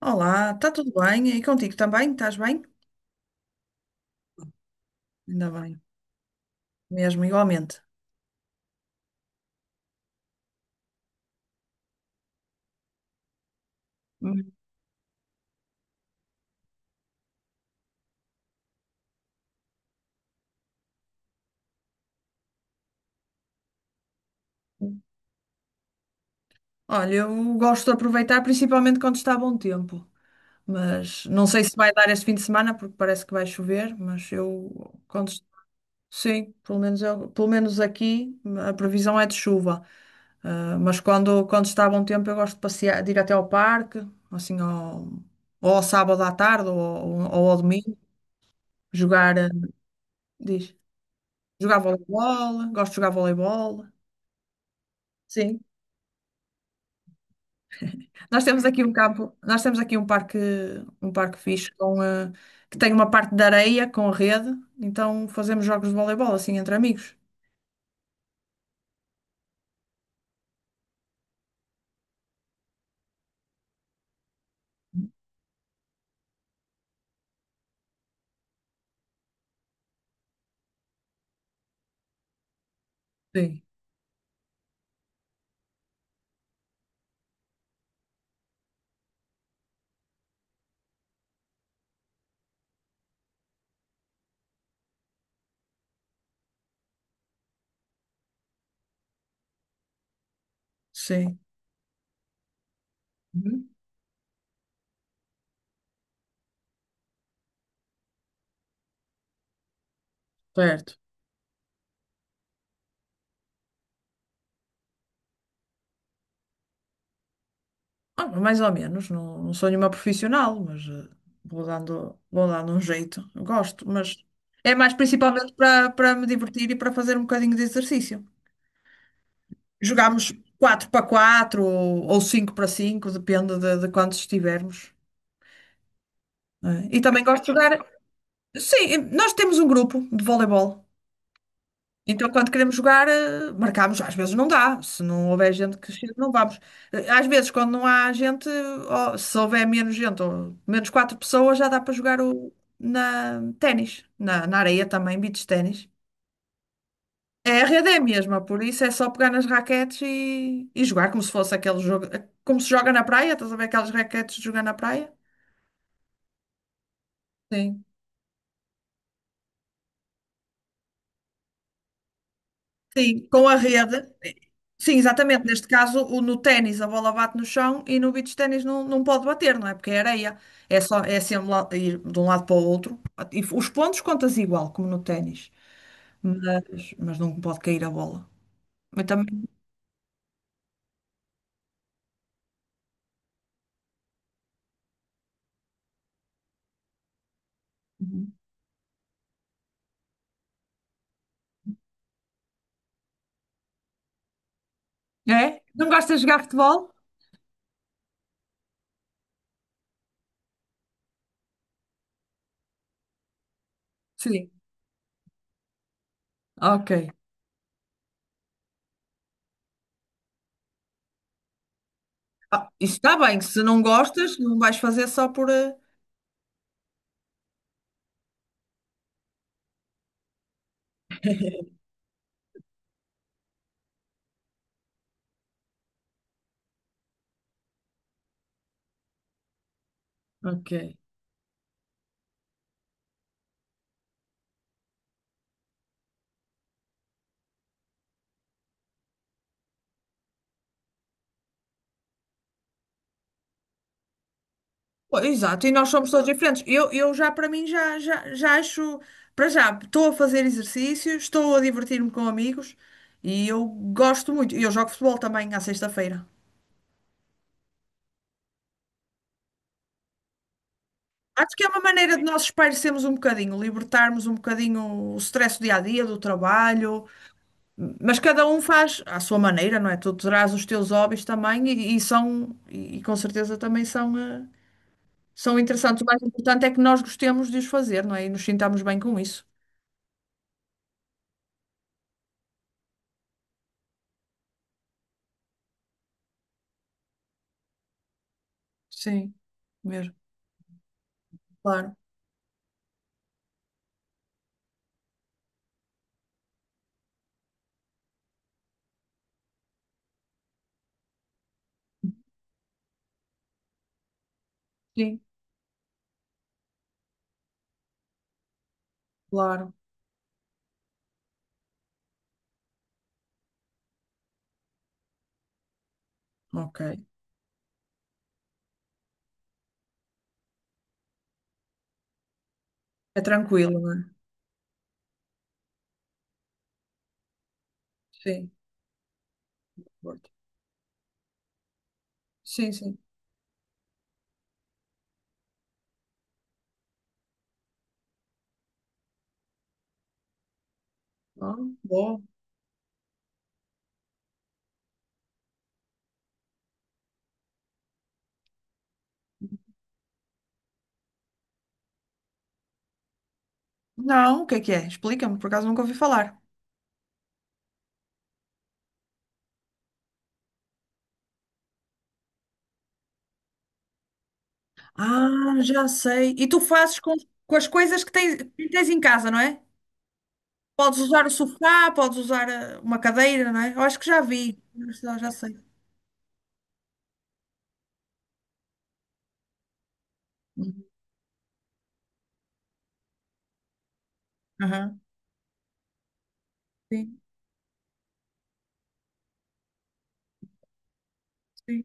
Olá, está tudo bem? E contigo também? Estás bem? Ainda bem, mesmo, igualmente. Hum. Olha, eu gosto de aproveitar, principalmente quando está bom tempo. Mas não sei se vai dar este fim de semana, porque parece que vai chover, mas sim, pelo menos, pelo menos aqui a previsão é de chuva. Ah, mas quando está bom tempo eu gosto de passear, de ir até ao parque, assim, ao, ou ao sábado à tarde ou ao domingo, jogar, diz, jogar voleibol, gosto de jogar voleibol. Sim. Nós temos aqui um parque fixe com, que tem uma parte de areia com rede, então fazemos jogos de voleibol assim entre amigos. Sim, sim. Uhum. Certo. Ah, mais ou menos, não, não sou nenhuma profissional, mas vou dando um jeito. Eu gosto, mas é mais principalmente para me divertir e para fazer um bocadinho de exercício. Jogamos 4 para 4 ou 5 para cinco, depende de quantos estivermos, né? E também gosto de jogar. Sim, nós temos um grupo de voleibol. Então, quando queremos jogar, marcamos. Às vezes não dá. Se não houver gente que chegue, não vamos. Às vezes, quando não há gente, ó, se houver menos gente, ou menos quatro pessoas, já dá para jogar o, na ténis, na areia também, beach ténis. É, a rede é a mesma, por isso é só pegar nas raquetes e jogar como se fosse aquele jogo, como se joga na praia, estás a ver aquelas raquetes de jogar na praia? Sim. Sim, com a rede. Sim, exatamente. Neste caso, no ténis a bola bate no chão e no beach ténis não, não pode bater, não é? Porque é areia. É só é sempre ir de um lado para o outro. E os pontos contas igual, como no ténis. Mas não pode cair a bola. Mas também. É? Não gostas de jogar futebol? Sim. Ok. Ah, isso está bem. Se não gostas, não vais fazer só por. Eh, ok. Pô, exato, e nós somos todos diferentes. Eu já, para mim, já, já, já acho. Para já, estou a fazer exercício, estou a divertir-me com amigos e eu gosto muito. E eu jogo futebol também à sexta-feira. Acho que é uma maneira de nós espairecermos um bocadinho, libertarmos um bocadinho o stress do dia a dia, do trabalho. Mas cada um faz à sua maneira, não é? Tu terás os teus hobbies também e são, e, com certeza também são, são interessantes. O mais importante é que nós gostemos de os fazer, não é? E nos sintamos bem com isso. Sim, mesmo, claro. Sim, claro. Ok. É tranquilo, não é? Sim. Porto. Sim, sim. Ah, bom. Não, o que é que é? Explica-me, por acaso nunca ouvi falar. Ah, já sei. E tu fazes com as coisas que tens em casa, não é? Podes usar o sofá, podes usar uma cadeira, não é? Eu acho que já vi. Já, já sei. Uhum. Aham. Sim, sim.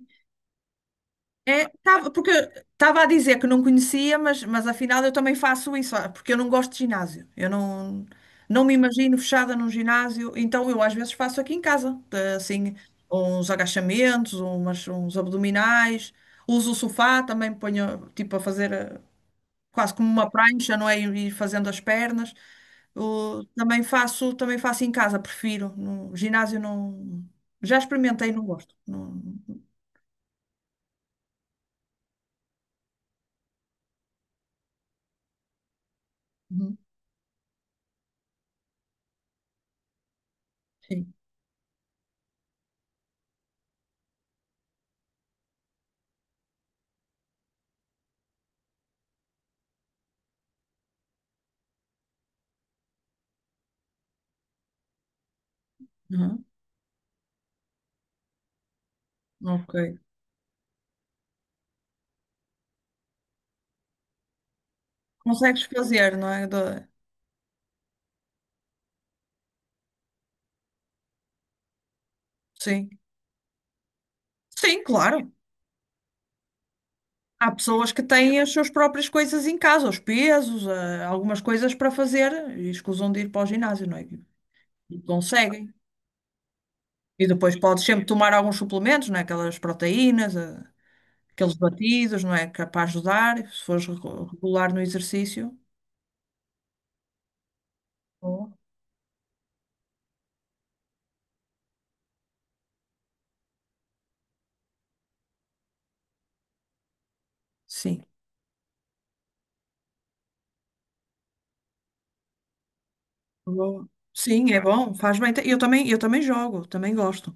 Porque estava a dizer que não conhecia, mas afinal eu também faço isso, ah, porque eu não gosto de ginásio. Eu não, não me imagino fechada num ginásio, então eu às vezes faço aqui em casa, assim, uns agachamentos, uns abdominais, uso o sofá, também ponho tipo a fazer quase como uma prancha, não é? Ir fazendo as pernas. Também faço em casa, prefiro. No ginásio não. Já experimentei, não gosto. Não. Uhum, sim. Uhum. Ok. Consegues fazer, não é? Da. Sim. Sim, claro. Há pessoas que têm as suas próprias coisas em casa, os pesos, algumas coisas para fazer e escusam de ir para o ginásio, não é? E conseguem. E depois podes sempre tomar alguns suplementos, não é? Aquelas proteínas, aqueles batidos, não é? Que é para ajudar, se fores regular no exercício. Boa. Sim. Boa. Sim, é bom, faz bem. Eu também jogo, também gosto.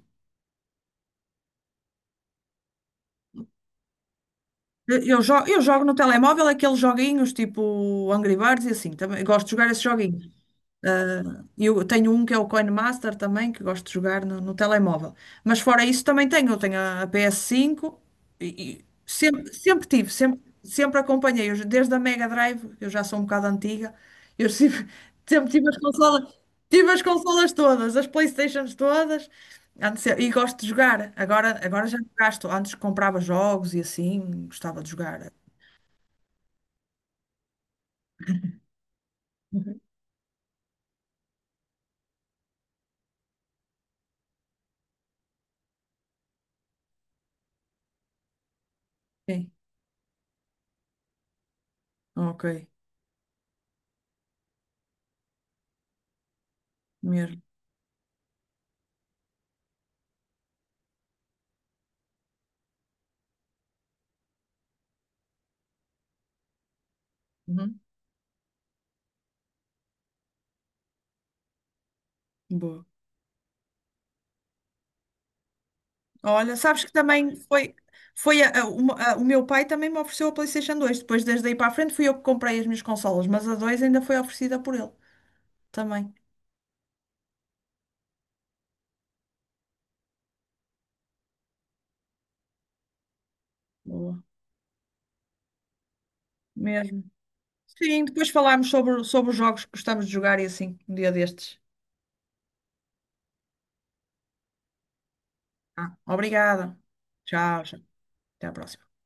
Eu, eu jogo no telemóvel aqueles joguinhos tipo Angry Birds e assim, também gosto de jogar esses joguinhos. Ah, eu tenho um que é o Coin Master também, que gosto de jogar no telemóvel. Mas fora isso também tenho. Eu tenho a PS5 e sempre, sempre tive, sempre, sempre acompanhei. Eu, desde a Mega Drive, eu já sou um bocado antiga, eu sempre, sempre tive as consolas todas, as PlayStations todas, antes, e gosto de jogar. Agora, agora já não gasto. Antes comprava jogos e assim, gostava de jogar. Sim, ok, mesmo. Uhum. Boa. Olha, sabes que também foi, o meu pai também me ofereceu a PlayStation 2. Depois, desde aí para a frente, fui eu que comprei as minhas consolas, mas a 2 ainda foi oferecida por ele também. Boa. Mesmo. Sim, depois falámos sobre, sobre os jogos que gostamos de jogar e assim, um dia destes. Ah, obrigada. Tchau, tchau. Até à próxima.